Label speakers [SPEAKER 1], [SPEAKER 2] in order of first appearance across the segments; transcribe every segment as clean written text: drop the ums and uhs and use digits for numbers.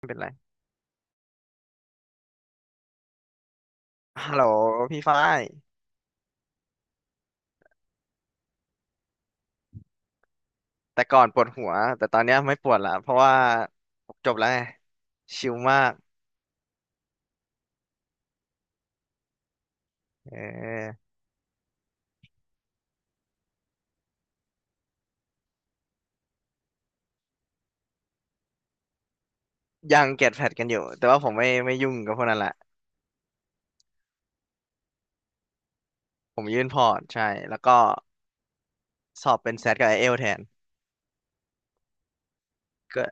[SPEAKER 1] ไม่เป็นไร ฮัลโหลพี่ฝ้ายแต่ก่อนปวดหัวแต่ตอนเนี้ยไม่ปวดละเพราะว่าจบแล้วไงชิลมากเออยังเก็ตแพดกันอยู่แต่ว่าผมไม่ยุ่งกับพวกนั้นละผมยื่นพอร์ตใช่แล้วก็สอบเป็นแซดกับไอเอลแทนก็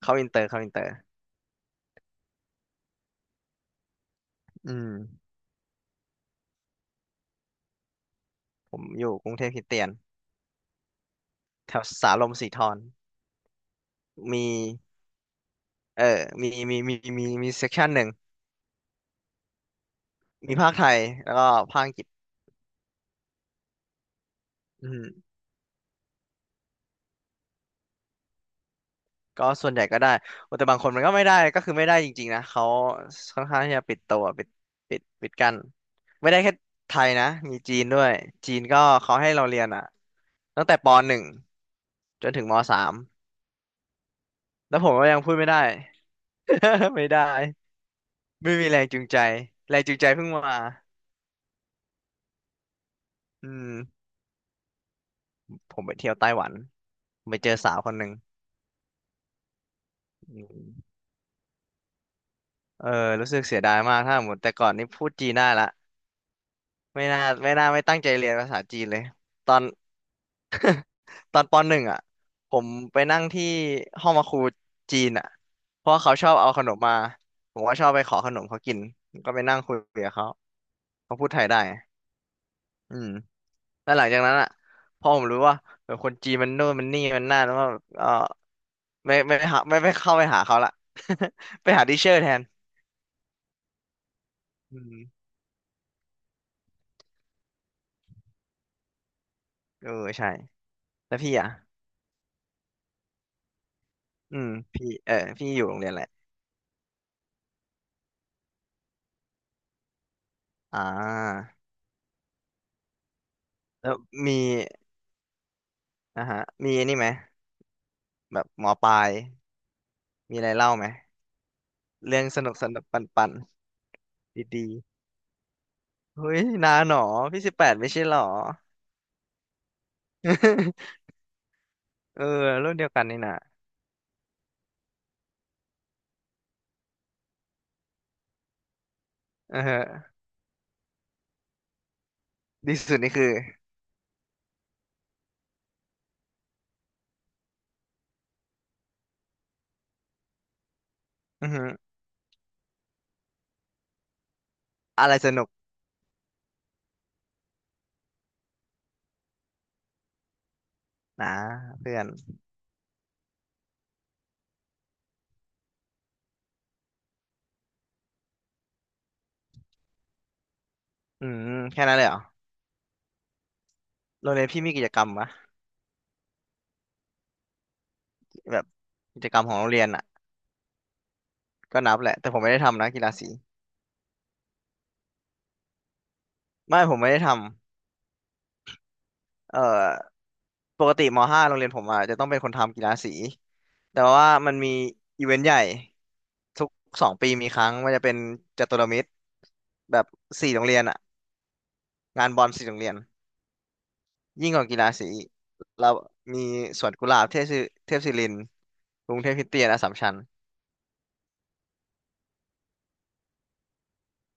[SPEAKER 1] เข้าอินเตอร์เข้าอินเตอร์อืมผมอยู่กรุงเทพคริสเตียนแถวสาลมสีทรมีเออ มีเซกชันหนึ่งมีภาคไทยแล้วก็ภาคอังกฤษอืม ก็ส่วนใหญ่ก็ได้โอ้แต่บางคนมันก็ไม่ได้ก็คือไม่ได้จริงๆนะเขาค่อนข้างที่จะปิดตัวปิดปิดปิดกั้นไม่ได้แค่ไทยนะมีจีนด้วยจีนก็เขาให้เราเรียนอ่ะตั้งแต่ปหนึ่งจนถึงม.3แล้วผมก็ยังพูดไม่ได้ ไม่ได้ไม่มีแรงจูงใจแรงจูงใจเพิ่งมาอืมผมไปเที่ยวไต้หวันผมไปเจอสาวคนหนึ่งอืมเออรู้สึกเสียดายมากถ้าหมดแต่ก่อนนี่พูดจีนได้ละไม่น่าไม่ตั้งใจเรียนภาษาจีนเลยตอน ตอนปหนึ่งอ่ะผมไปนั่งที่ห้องมาครูจีนอ่ะเพราะว่าเขาชอบเอาขนมมาผมก็ชอบไปขอขนมเขากินผมก็ไปนั่งคุยกับเขาเขาพูดไทยได้อืมแล้วหลังจากนั้นอ่ะพอผมรู้ว่าเออคนจีนมันโน่นมันนี่มันนั่นแล้วก็เออไม่เข้าไปหาเขาละ ไปหาดิเชอร์แทนอืมเออใช่แล้วพี่อ่ะอืมพี่เออพี่อยู่โรงเรียนแหละไรอ่าแล้วมีนะฮะมีอันนี่ไหมแบบหมอปลายมีอะไรเล่าไหม เรื่องสนุกสนุกปันปันดีๆเฮ้ยนาหนอพี่18ไม่ใช่หรอ เออรุ่นเดียวกันนี่นะเออฮะดีสุดนี่คืออือฮึอะไรสนุกนะเพื่อนอืมแค่นั้นเลยเหรอโรงเรียนพี่มีกิจกรรมปะแบบกิจกรรมของโรงเรียนอ่ะก็นับแหละแต่ผมไม่ได้ทำนะกีฬาสีไม่ผมไม่ได้ทำเอ่อปกติม.5โรงเรียนผมอ่ะจะต้องเป็นคนทำกีฬาสีแต่ว่ามันมีอีเวนต์ใหญ่ทุก2 ปีมีครั้งมันจะเป็นจตุรมิตรแบบ4 โรงเรียนอ่ะ งานบอลสีโรงเรียนยิ่งกว่ากีฬาสีอีกเรามีสวนกุหลาบเทพศิเทพศิรินทร์กรุงเทพคริสเตียนอัสสัมชัญ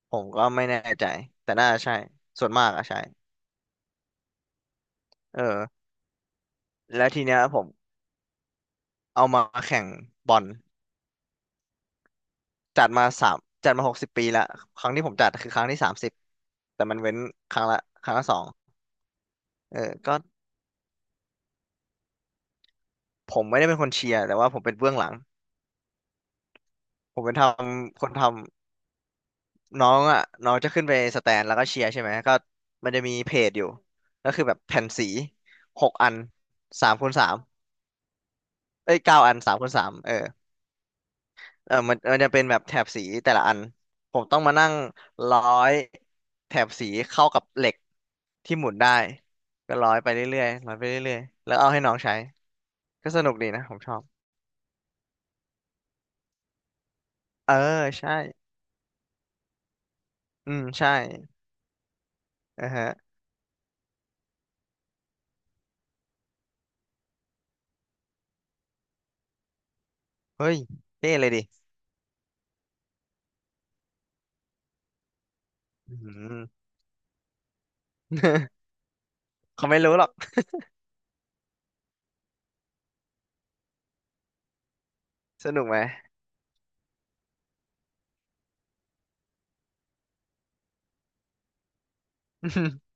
[SPEAKER 1] ผมก็ไม่แน่ใจแต่น่าจะใช่ส่วนมากอะใช่เออแล้วทีเนี้ยผมเอามาแข่งบอลจัดมาสามจัดมา60 ปีละครั้งที่ผมจัดคือครั้งที่30แต่มันเว้นครั้งละครั้งละสองเออก็ผมไม่ได้เป็นคนเชียร์แต่ว่าผมเป็นเบื้องหลังผมเป็นคนทำ น้องอ่ะน้องจะขึ้นไปสแตนแล้วก็เชียร์ใช่ไหมก็มันจะมีเพจอยู่ก็คือแบบแผ่นสีหกอันสามคูณสามเอ้ย9 อันสามคูณสามเออมันจะเป็นแบบแถบสีแต่ละอันผมต้องมานั่งร้อยแถบสีเข้ากับเหล็กที่หมุนได้ก็ร้อยไปเรื่อยๆร้อยไปเรื่อยๆแล้วเอาให้น้องใช้ก็สนุกดีนะผมชอบเออใช่อืมใช่อ่าฮะเฮ้ยเท่เลยดิอืม เขาไม่รู้หรอกสนุกไหม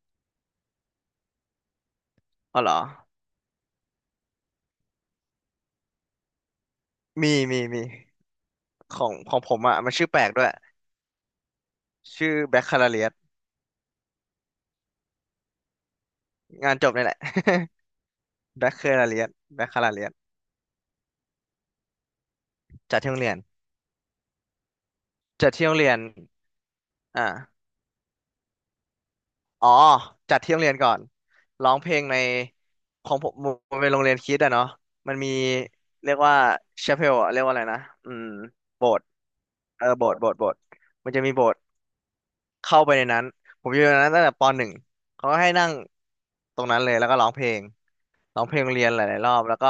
[SPEAKER 1] อ๋อเหรอมีมีมีของของผมอ่ะมันชื่อแปลกด้วย ชื่อแบคคาลาเรียสงานจบนี่แหละ แบคคาลาเรียสแบคคาลาเรียสจัดที่โรงเรียนจัดที่โรงเรียนอ่าอ๋อจัดที่โรงเรียนก่อนร้องเพลงในของผมมันเป็นโรงเรียนคริสต์อะเนาะมันมีเรียกว่าชาเพลเรียกว่าอะไรนะอืมโบสถ์เออโบสถ์มันจะมีโบสถ์เข้าไปในนั้น ผมอยู่ในนั้นตั้งแต่ปหนึ่งเขาก็ให้นั่งตรงนั้นเลยแล้วก็ร้องเพลง ร้องเพลงโรงเรียนหลายๆรอบแล้วก็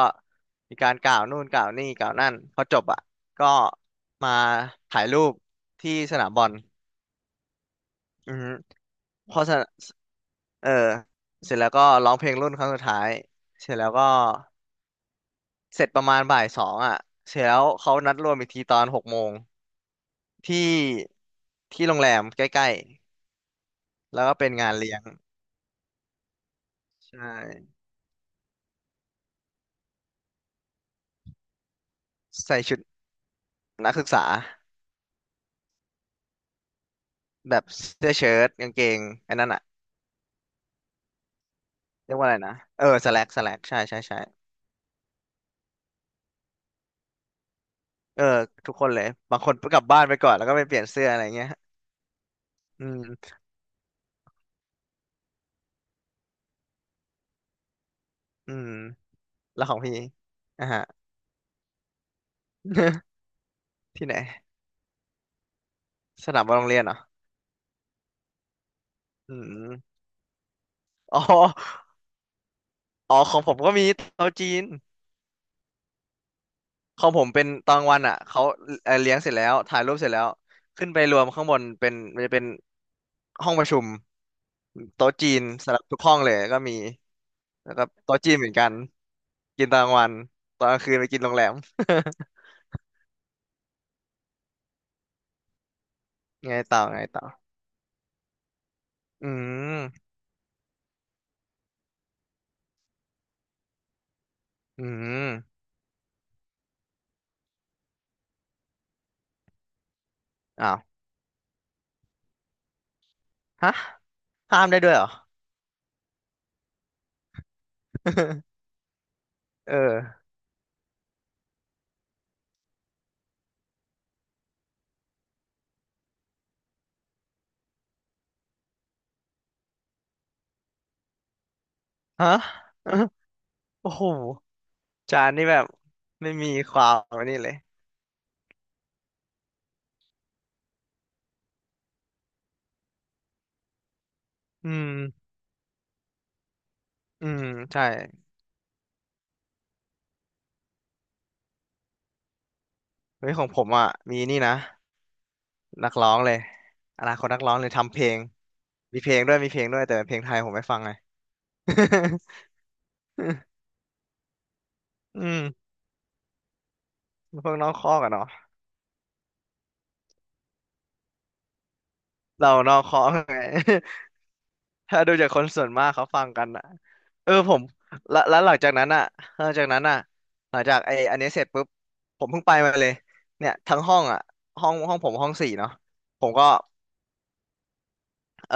[SPEAKER 1] มีการกล่าวนู่นกล่าวนี่กล่าวนั่นพอจบอ่ะก็มาถ่ายรูปที่สนามบอลอือฮึพอสนเออเสร็จแล้วก็ร้องเพลงรุ่นครั้งสุดท้ายเสร็จแล้วก็เสร็จประมาณบ่าย 2อ่ะเสร็จแล้วเขานัดรวมอีกทีตอน6 โมงที่ที่โรงแรมใกล้ๆแล้วก็เป็นงานเลี้ยงใช่ใส่ชุดนักศึกษาแบบเสื้อเชิ้ตกางเกงไอ้นั่นอ่ะเรียกว่าอะไรนะเออสแลกใช่ใช่ใช่ เออทุกคนเลยบางคนกลับบ้านไปก่อนแล้วก็ไปเปลี่ยนเสื้ออะไรเงี้ยอืมอืมแล้วของพี่อ่ะฮะ ที่ไหนสนามบอลโรงเรียนเหรออืมอ๋ออ๋อของผมก็มีเตาจีนของผมเป็นตอนกลางวันอ่ะเขาเลี้ยงเสร็จแล้วถ่ายรูปเสร็จแล้วขึ้นไปรวมข้างบนเป็นมันจะเป็นห้องประชุมโต๊ะจีนสำหรับทุกห้องเลยก็มีแล้วก็โต๊ะจีนเหมือนกันกินตอนกลางวันตอนกลางคืนไปกินโรงแรม ไงต่อไงต่ออืมอืมอ้าว ฮะข้ามได้ด้วยเหรอ เออฮะ โอ้โหจานนี่แบบไม่มีความอันนี้เลย อืมอืมใช่เฮ้ยของผมอ่ะมีนี่นะ นักร้องเลยอนาคตนักร้องเลยทำเพลง มีเพลงด้วยมีเพลงด้วยแต่เป็นเพลงไทยผมไม่ฟังไง อืมพวกน้องคอกอะเนาะเราน้องคอกไง ถ้าดูจากคนส่วนมากเขาฟังกันอ่ะเออผมแล้วหลังจากนั้นอ่ะหลังจากนั้นอ่ะหลังจากไออันนี้เสร็จปุ๊บผมเพิ่งไปมาเลยเนี่ยทั้งห้องอ่ะห้องผมห้องสี่เนาะผมก็เออ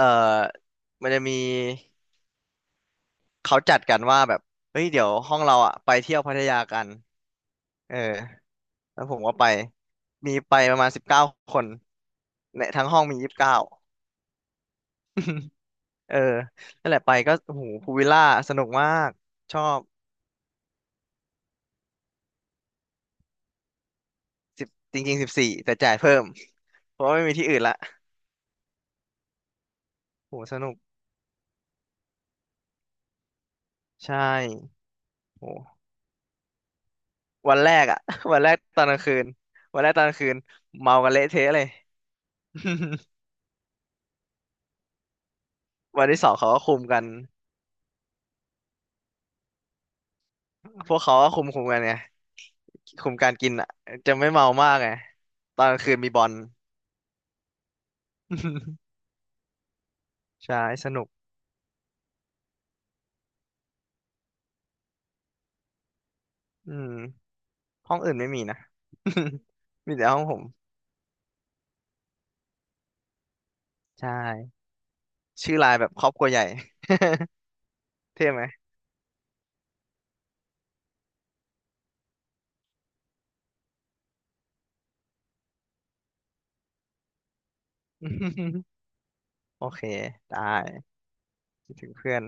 [SPEAKER 1] มันจะมีเขาจัดกันว่าแบบเฮ้ยเดี๋ยวห้องเราอ่ะไปเที่ยวพัทยากันเออแล้วผมก็ไปมีไปประมาณสิบเก้าคนในทั้งห้องมี29เออนั่นแหละไปก็โอ้โหพูลวิลล่าสนุกมากชอบ สิบจริงๆ14แต่จ่ายเพิ่มเพราะว่าไม่มีที่อื่นละโหสนุกใช่โหวันแรกอะ วันแรกตอนกลางคืนวันแรกตอนกลางคืนเมากันเละเทะเลย วันที่สองเขาก็คุมกันพวกเขาก็คุมกันไงคุมการกินอะจะไม่เมามากไงตอนกลางคืนมีบอล ใช่สนุกอืมห้องอื่นไม่มีนะ มีแต่ห้องผมใช่ชื่อไลน์แบบครอบครัวใหญ่เท่ไหม โอเคได้คิดถึงเพื่อน